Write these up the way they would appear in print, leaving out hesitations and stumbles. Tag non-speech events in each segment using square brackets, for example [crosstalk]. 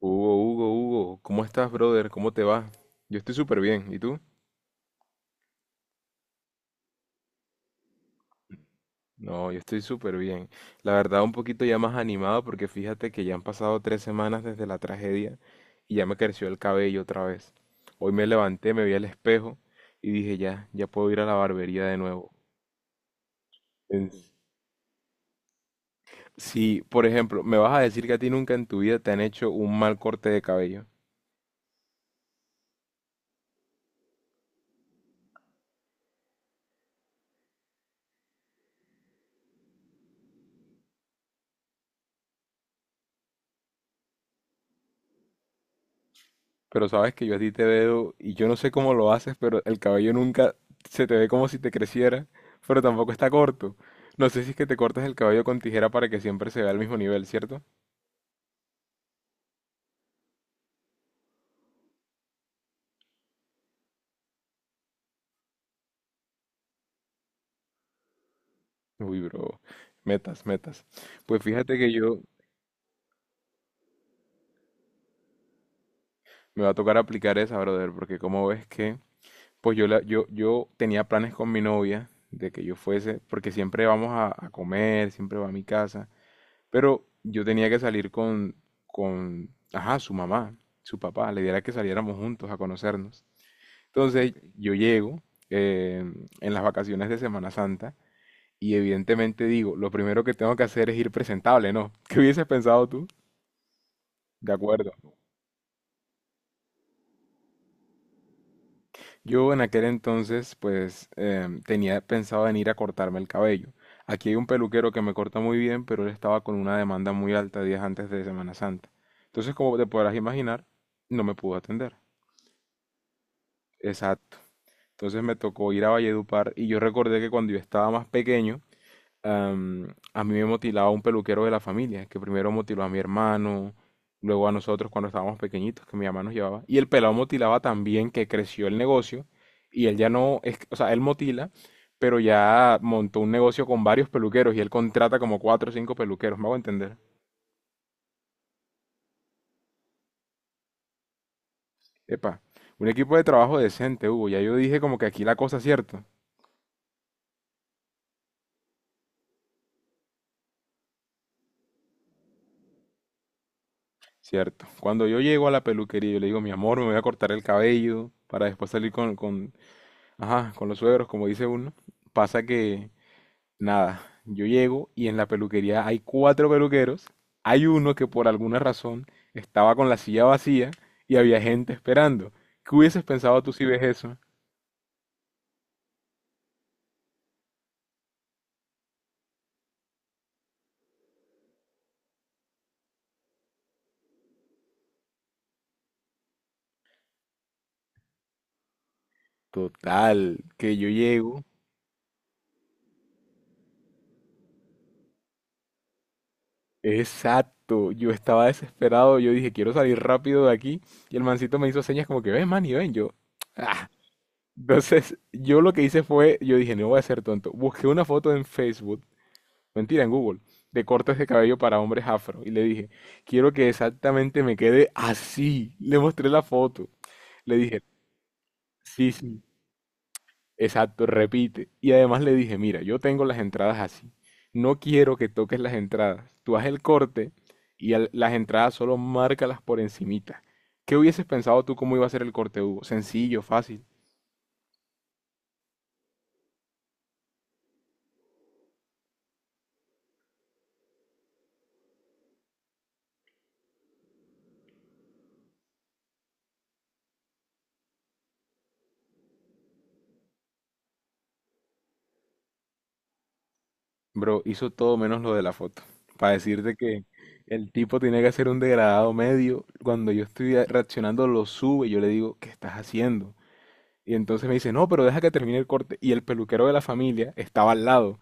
Hugo, Hugo, Hugo, ¿cómo estás, brother? ¿Cómo te va? Yo estoy súper bien, ¿y tú? No, yo estoy súper bien. La verdad, un poquito ya más animado porque fíjate que ya han pasado 3 semanas desde la tragedia y ya me creció el cabello otra vez. Hoy me levanté, me vi al espejo y dije, ya, ya puedo ir a la barbería de nuevo. En- Sí, por ejemplo, ¿me vas a decir que a ti nunca en tu vida te han hecho un mal corte de cabello? Pero sabes que yo a ti te veo y yo no sé cómo lo haces, pero el cabello nunca se te ve como si te creciera, pero tampoco está corto. No sé si es que te cortas el cabello con tijera para que siempre se vea al mismo nivel, ¿cierto? Uy, bro, metas, metas. Pues fíjate que yo me va a tocar aplicar esa, brother, porque como ves que, pues yo tenía planes con mi novia de que yo fuese, porque siempre vamos a comer, siempre va a mi casa. Pero yo tenía que salir con, ajá, su mamá, su papá. La idea era que saliéramos juntos a conocernos. Entonces yo llego eh, en las vacaciones de Semana Santa y evidentemente digo, lo primero que tengo que hacer es ir presentable, ¿no? [laughs] ¿Qué hubieses pensado tú? De acuerdo. Yo en aquel entonces, pues, tenía pensado en ir a cortarme el cabello. Aquí hay un peluquero que me corta muy bien, pero él estaba con una demanda muy alta días antes de Semana Santa. Entonces, como te podrás imaginar, no me pudo atender. Exacto. Entonces me tocó ir a Valledupar y yo recordé que cuando yo estaba más pequeño, a mí me motilaba un peluquero de la familia, que primero motiló a mi hermano, luego a nosotros cuando estábamos pequeñitos, que mi mamá nos llevaba. Y el pelado motilaba también, que creció el negocio, y él ya no, es, o sea, él motila, pero ya montó un negocio con varios peluqueros y él contrata como 4 o 5 peluqueros, me hago entender. Epa, un equipo de trabajo decente, Hugo, ya yo dije como que aquí la cosa es cierta. Cierto. Cuando yo llego a la peluquería, yo le digo, mi amor, me voy a cortar el cabello para después salir con, ajá, con los suegros, como dice uno. Pasa que, nada, yo llego y en la peluquería hay cuatro peluqueros. Hay uno que por alguna razón estaba con la silla vacía y había gente esperando. ¿Qué hubieses pensado tú si ves eso? Total, que yo llego. Exacto, yo estaba desesperado, yo dije, quiero salir rápido de aquí. Y el mancito me hizo señas como que, ven, man, y ven, yo. [tsk] Entonces, yo lo que hice fue, yo dije, no voy a ser tonto. Busqué una foto en Facebook, mentira, en Google, de cortes de cabello para hombres afro. Y le dije, quiero que exactamente me quede así. Le mostré la foto. Le dije, sí, sí, exacto, repite. Y además le dije, mira, yo tengo las entradas así. No quiero que toques las entradas. Tú haz el corte y las entradas solo márcalas por encimita. ¿Qué hubieses pensado tú cómo iba a ser el corte, Hugo? Sencillo, fácil. Bro, hizo todo menos lo de la foto. Para decirte que el tipo tenía que hacer un degradado medio. Cuando yo estoy reaccionando, lo sube. Y yo le digo, ¿qué estás haciendo? Y entonces me dice, no, pero deja que termine el corte. Y el peluquero de la familia estaba al lado.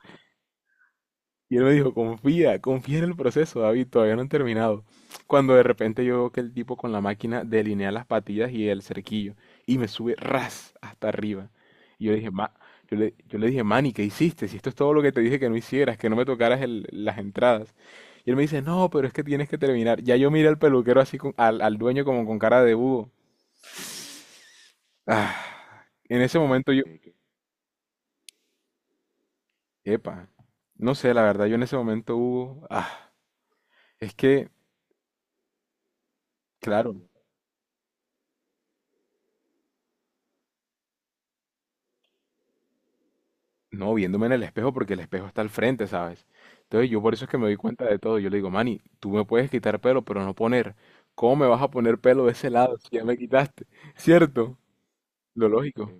Y él me dijo, confía en el proceso, David, todavía no han terminado. Cuando de repente yo veo que el tipo con la máquina delinea las patillas y el cerquillo y me sube ras hasta arriba. Y yo le dije, yo le dije, Manny, ¿qué hiciste? Si esto es todo lo que te dije que no hicieras, que no me tocaras las entradas. Y él me dice, no, pero es que tienes que terminar. Ya yo miré al peluquero así, al dueño como con cara de búho. Ah, en ese momento yo, epa, no sé, la verdad, yo en ese momento, Hugo, es que, claro. No, viéndome en el espejo porque el espejo está al frente, ¿sabes? Entonces yo por eso es que me doy cuenta de todo. Yo le digo, Manny, tú me puedes quitar pelo, pero no poner. ¿Cómo me vas a poner pelo de ese lado si ya me quitaste? [laughs] ¿Cierto? Lo lógico.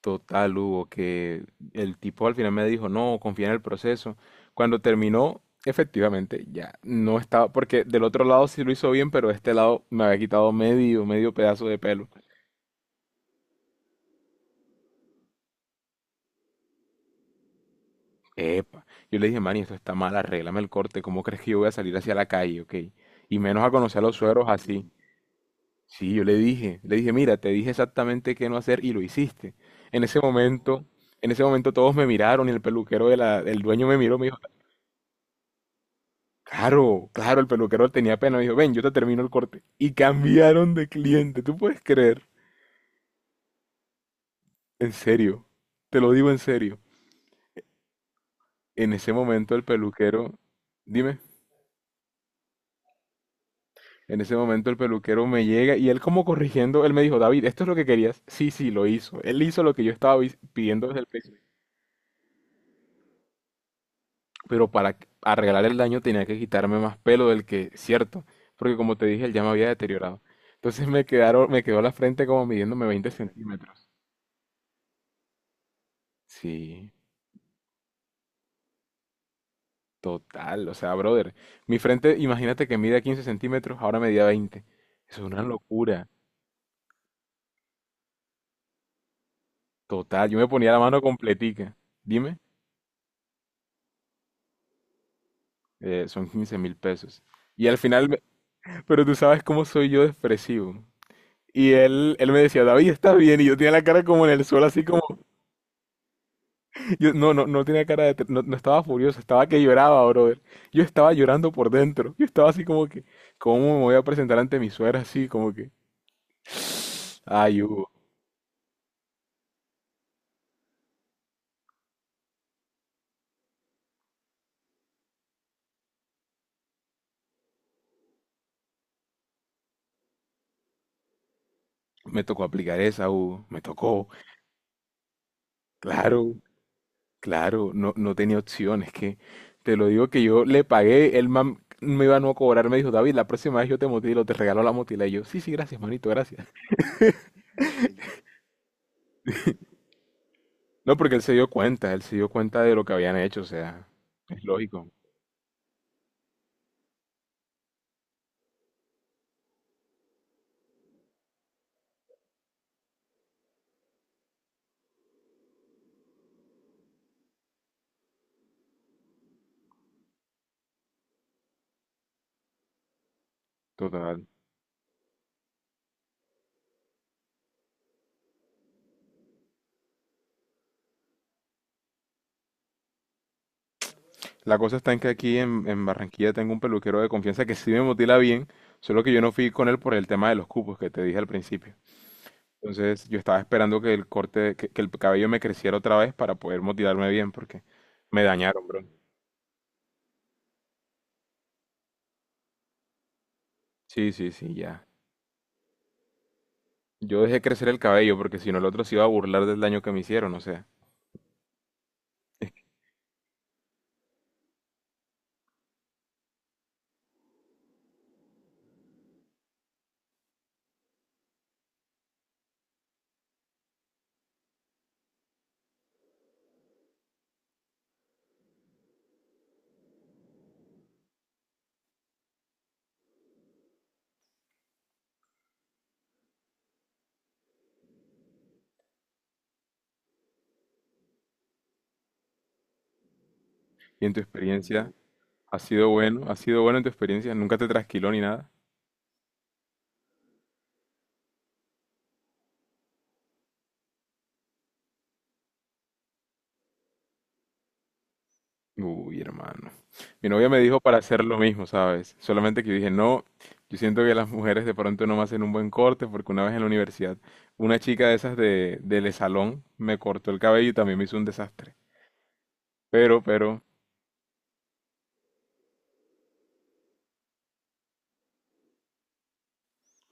Total, Hugo, que el tipo al final me dijo, no, confía en el proceso. Cuando terminó, efectivamente, ya no estaba, porque del otro lado sí lo hizo bien, pero de este lado me había quitado medio pedazo de pelo. Epa. Yo le dije, Manny, esto está mal, arréglame el corte. ¿Cómo crees que yo voy a salir hacia la calle, ok? Y menos a conocer a los sueros así. Sí, yo le dije, mira, te dije exactamente qué no hacer y lo hiciste. En ese momento, en ese momento todos me miraron y el peluquero de la, el dueño me miró, me dijo, claro, claro, el peluquero tenía pena, me dijo, ven, yo te termino el corte. Y cambiaron de cliente, ¿tú puedes creer? En serio, te lo digo en serio. En ese momento el peluquero, dime. En ese momento el peluquero me llega y él como corrigiendo, él me dijo, David, ¿esto es lo que querías? Sí, sí, lo hizo. Él hizo lo que yo estaba pidiendo desde el principio. Pero para arreglar el daño tenía que quitarme más pelo del que, cierto, porque como te dije, él ya me había deteriorado. Entonces me quedó la frente como midiéndome 20 centímetros. Sí, total. O sea, brother, mi frente, imagínate que mide 15 centímetros, ahora medía 20. Eso es una locura. Total, yo me ponía la mano completica. Dime, son 15.000 pesos. Y al final, pero tú sabes cómo soy yo de expresivo. Y él me decía, David, ¿estás bien? Y yo tenía la cara como en el suelo, así como... Yo, no, no, no tenía cara de... No, no estaba furioso, estaba que lloraba, brother. Yo estaba llorando por dentro. Yo estaba así como que... ¿Cómo me voy a presentar ante mi suegra? Así como que... Ay, Hugo, me tocó aplicar esa, Hugo. Me tocó. Claro, claro. No, no tenía opción. Es que te lo digo que yo le pagué. El man me iba a no cobrar. Me dijo, David, la próxima vez yo te motilo, te regalo la motila. Y yo, sí, sí, gracias, manito, gracias. No, porque él se dio cuenta, él se dio cuenta de lo que habían hecho, o sea, es lógico, total. La cosa está en que aquí en Barranquilla tengo un peluquero de confianza que sí me motila bien, solo que yo no fui con él por el tema de los cupos que te dije al principio. Entonces yo estaba esperando que el corte, que el cabello me creciera otra vez para poder motilarme bien, porque me dañaron, bro. Sí, sí, sí, ya. Yo dejé crecer el cabello porque si no el otro se iba a burlar del daño que me hicieron, o sea. Y en tu experiencia, ¿ha sido bueno? ¿Ha sido bueno en tu experiencia? ¿Nunca te trasquiló ni nada? Uy, hermano. Mi novia me dijo para hacer lo mismo, ¿sabes? Solamente que yo dije, no, yo siento que las mujeres de pronto no me hacen un buen corte porque una vez en la universidad una chica de esas del salón me cortó el cabello y también me hizo un desastre. Pero,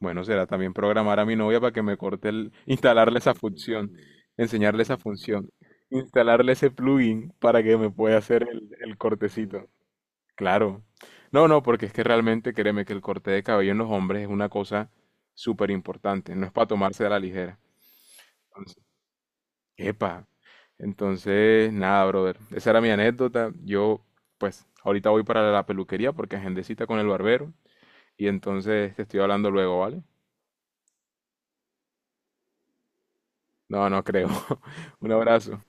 bueno, será también programar a mi novia para que me corte el, instalarle esa función, enseñarle esa función, instalarle ese plugin para que me pueda hacer el cortecito. Claro. No, no, porque es que realmente créeme que el corte de cabello en los hombres es una cosa súper importante, no es para tomarse a la ligera. Entonces, epa. Entonces, nada, brother. Esa era mi anécdota. Yo, pues, ahorita voy para la peluquería porque agendé cita con el barbero y entonces te estoy hablando luego, ¿vale? No, no creo. [laughs] Un abrazo.